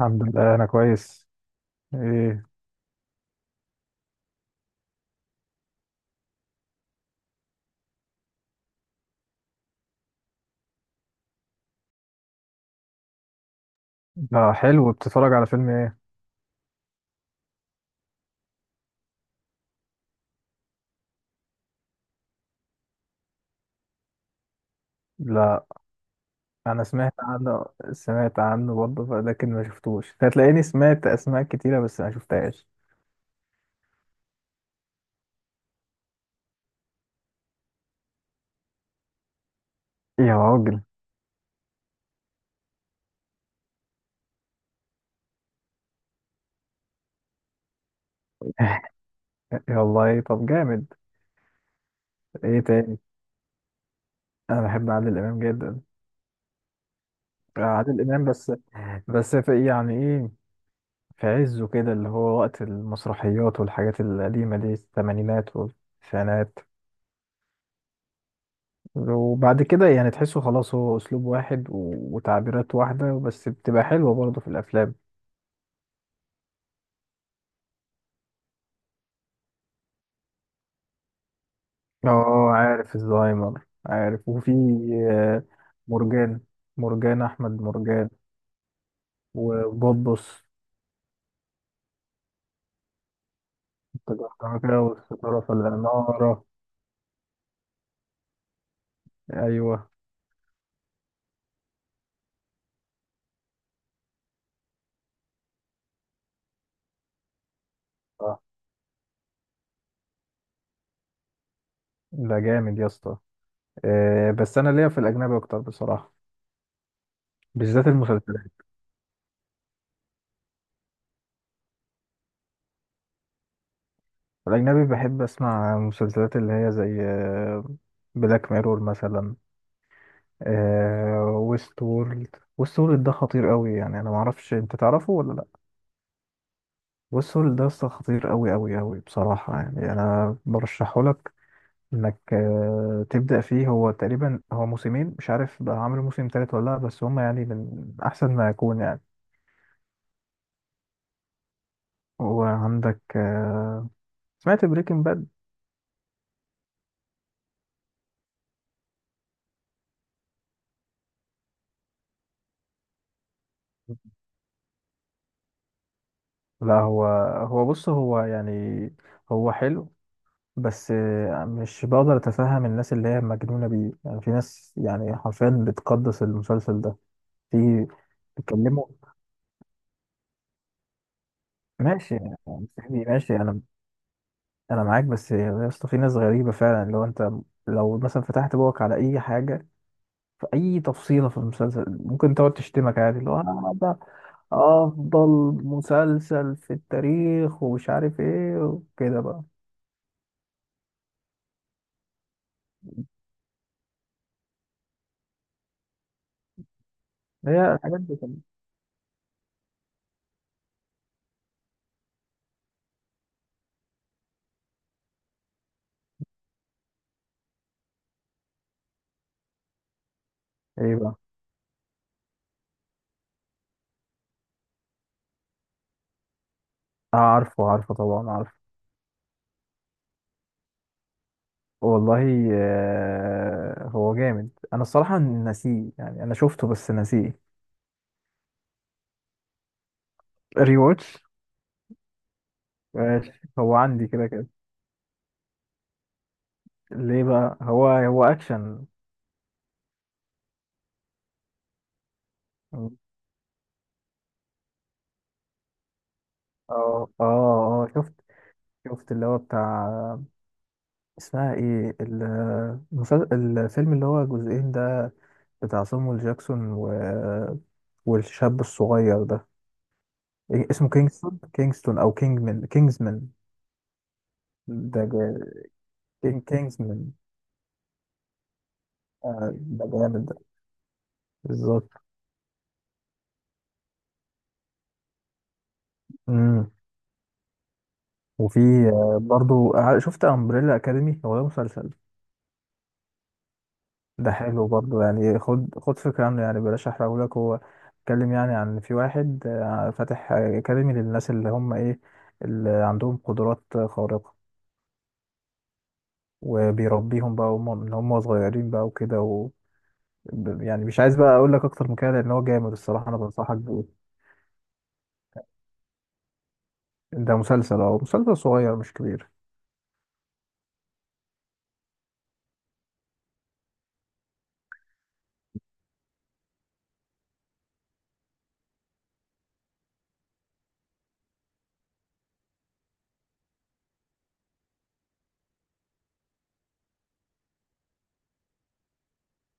الحمد لله انا كويس. ايه ده؟ حلو. بتتفرج على فيلم ايه؟ لا، انا سمعت عنه. سمعت عنه برضه لكن ما شفتوش. هتلاقيني سمعت اسماء كتيره بس ما شفتهاش. يا راجل. يا والله طب جامد. ايه تاني؟ انا بحب عادل امام جدا. عادل امام بس. بس في يعني ايه، في عزه كده، اللي هو وقت المسرحيات والحاجات القديمه دي، الثمانينات والتسعينات. وبعد كده يعني تحسه خلاص، هو اسلوب واحد وتعبيرات واحده، بس بتبقى حلوه برضه في الافلام. اه، عارف الزهايمر، عارف. وفي آه، مرجان، مرجان احمد مرجان. وبوبس، التجعتكة والستاره في العماره. ايوه. آه، ده جامد يا اسطى. بس انا ليا في الاجنبي اكتر بصراحه، بالذات المسلسلات. الاجنبي بحب اسمع مسلسلات اللي هي زي بلاك ميرور مثلا، آه ويست وورلد. ويست وورلد ده خطير قوي يعني، انا ما اعرفش انت تعرفه ولا لا. ويست وورلد ده أصلاً خطير قوي قوي قوي بصراحة يعني. انا برشحه لك انك تبدأ فيه. هو تقريبا هو موسمين، مش عارف بقى عامل موسم تالت ولا لا، بس هما يعني من احسن ما يكون يعني. وعندك آه، سمعت بريكنج باد؟ لا هو، هو بص هو يعني، هو حلو، بس مش بقدر اتفهم الناس اللي هي مجنونة بيه يعني. في ناس يعني حرفيا بتقدس المسلسل ده. في بيتكلموا. ماشي يعني ماشي، انا معاك، بس يا اسطى في ناس غريبة فعلا. لو انت، لو مثلا فتحت بوقك على اي حاجة في اي تفصيلة في المسلسل، ممكن تقعد تشتمك عادي، اللي هو آه، ده افضل مسلسل في التاريخ ومش عارف ايه وكده بقى. هي الحاجات دي كلها. ايه بقى؟ عارفه، عارفه طبعا، عارفه. والله هو جامد. انا الصراحه ناسيه يعني، انا شفته بس ناسيه. ري واتش؟ ماشي. هو عندي كده كده. ليه بقى؟ هو اكشن؟ اه، اه، اه شفت، شفت اللي هو بتاع، اسمها ايه الفيلم اللي هو جزئين ده، بتاع صامويل جاكسون و... والشاب الصغير ده، إيه اسمه؟ كينغستون، كينغستون او كينجمان؟ كينجزمان. ده جامد، كينج كينجزمان. آه، ده جامد ده، بالظبط. امم. وفي برضو شفت امبريلا اكاديمي، هو ده مسلسل. ده حلو برضو يعني. خد، خد فكره عنه يعني، بلاش احرقهولك. هو اتكلم يعني عن، في واحد فاتح اكاديمي للناس اللي هم ايه، اللي عندهم قدرات خارقه، وبيربيهم بقى وهم من هم صغيرين بقى وكده. يعني مش عايز بقى اقول لك اكتر من كده، لان هو جامد الصراحه، انا بنصحك بيه. ده مسلسل، اه، مسلسل صغير مش كبير.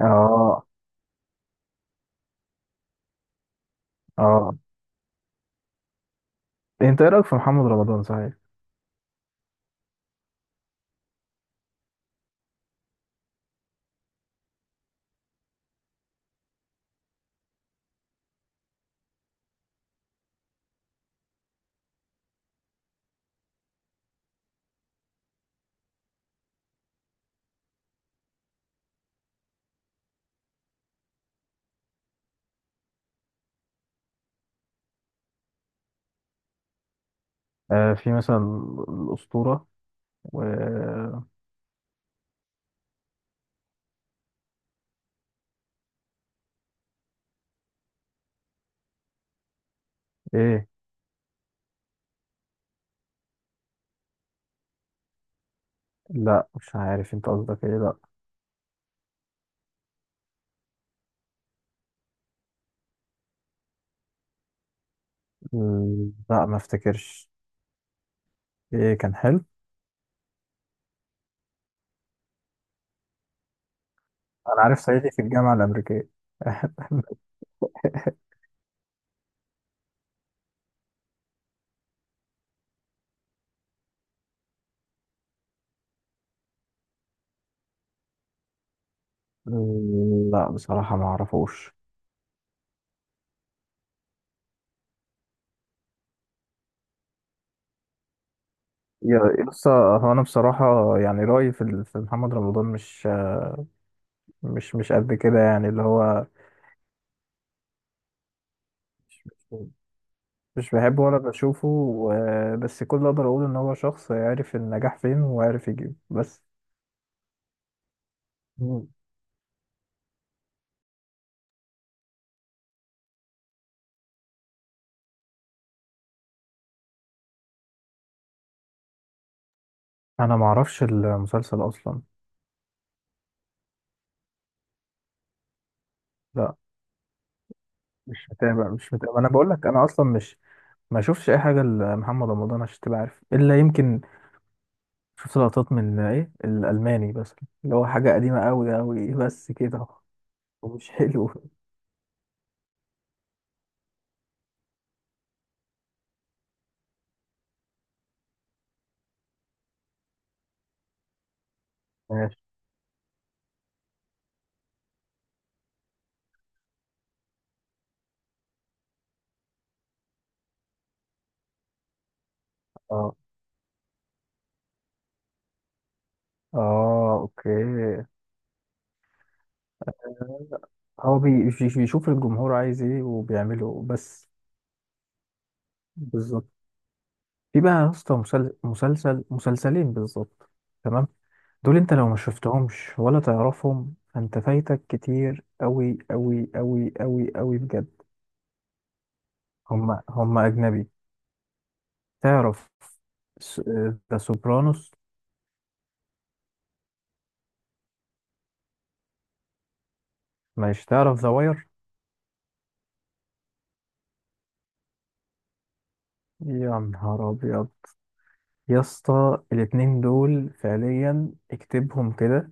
اه، اه. انت ايه رايك في محمد رمضان صحيح؟ في مثلا الأسطورة، و ايه. لا، مش عارف انت قصدك ايه. لا. م، لا ما افتكرش. ايه كان حلو؟ انا عارف صعيدي في الجامعة الأمريكية. م، لا بصراحة ما اعرفوش. يا، لسه. هو انا بصراحة يعني، رأيي في في محمد رمضان مش، مش، مش قد كده يعني، اللي هو، مش، مش بحبه ولا بشوفه بس كل اللي اقدر اقوله ان هو شخص عارف النجاح فين وعارف يجيبه بس. مم. انا ما اعرفش المسلسل اصلا. لا مش متابع، مش متابع. انا بقول لك انا اصلا مش، ما اشوفش اي حاجه لمحمد رمضان عشان تبقى عارف، الا يمكن شفت لقطات من ايه الالماني بس، اللي هو حاجه قديمه قوي قوي، بس كده. ومش حلو. ماشي. اه، اه اوكي. هو بيشوف الجمهور عايز ايه وبيعمله بس. بالظبط. في بقى يا اسطى مسلسل، مسلسلين بالظبط. تمام. دول انت لو ما شفتهمش ولا تعرفهم، فانت فايتك كتير قوي قوي قوي قوي قوي بجد. هم هم أجنبي. تعرف ذا سوبرانوس؟ مش تعرف ذا واير؟ يا نهار أبيض. يا اسطى الاتنين دول فعليا اكتبهم كده،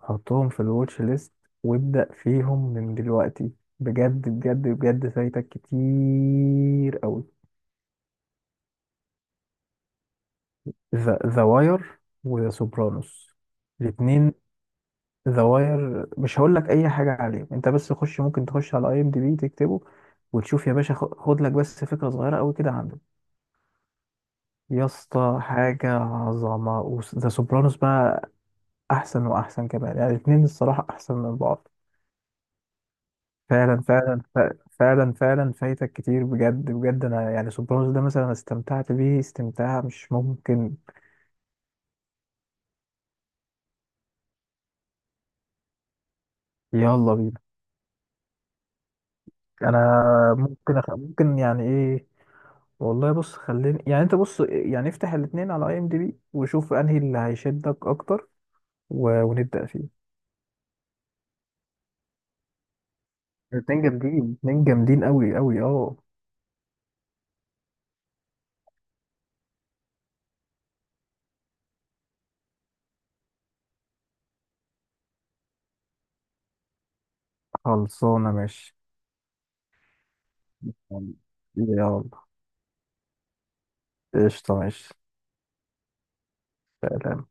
حطهم في الواتش ليست وابدأ فيهم من دلوقتي، بجد بجد بجد فايتك كتير أوي. ذا واير وذا سوبرانوس، الاتنين. ذا واير مش هقول لك اي حاجه عليه، انت بس خش، ممكن تخش على IMDb، تكتبه وتشوف يا باشا، خد لك بس فكره صغيره قوي كده عنده. يا اسطى حاجه عظمه. وذا سوبرانوس بقى احسن واحسن كمان، يعني الاتنين الصراحه احسن من بعض فعلا، فعلا. فعلا فعلا فايتك كتير بجد بجد. انا يعني سوبرانوس ده مثلا استمتعت بيه استمتاع مش ممكن. يلا بينا. انا ممكن ممكن يعني ايه، والله بص خليني يعني، انت بص يعني افتح الاتنين على IMDb وشوف انهي اللي هيشدك اكتر، و... ونبدأ فيه. الاتنين جامدين، اتنين جامدين قوي قوي اه. خلصانه ماشي. يلا. قشطه ماشي. سلام.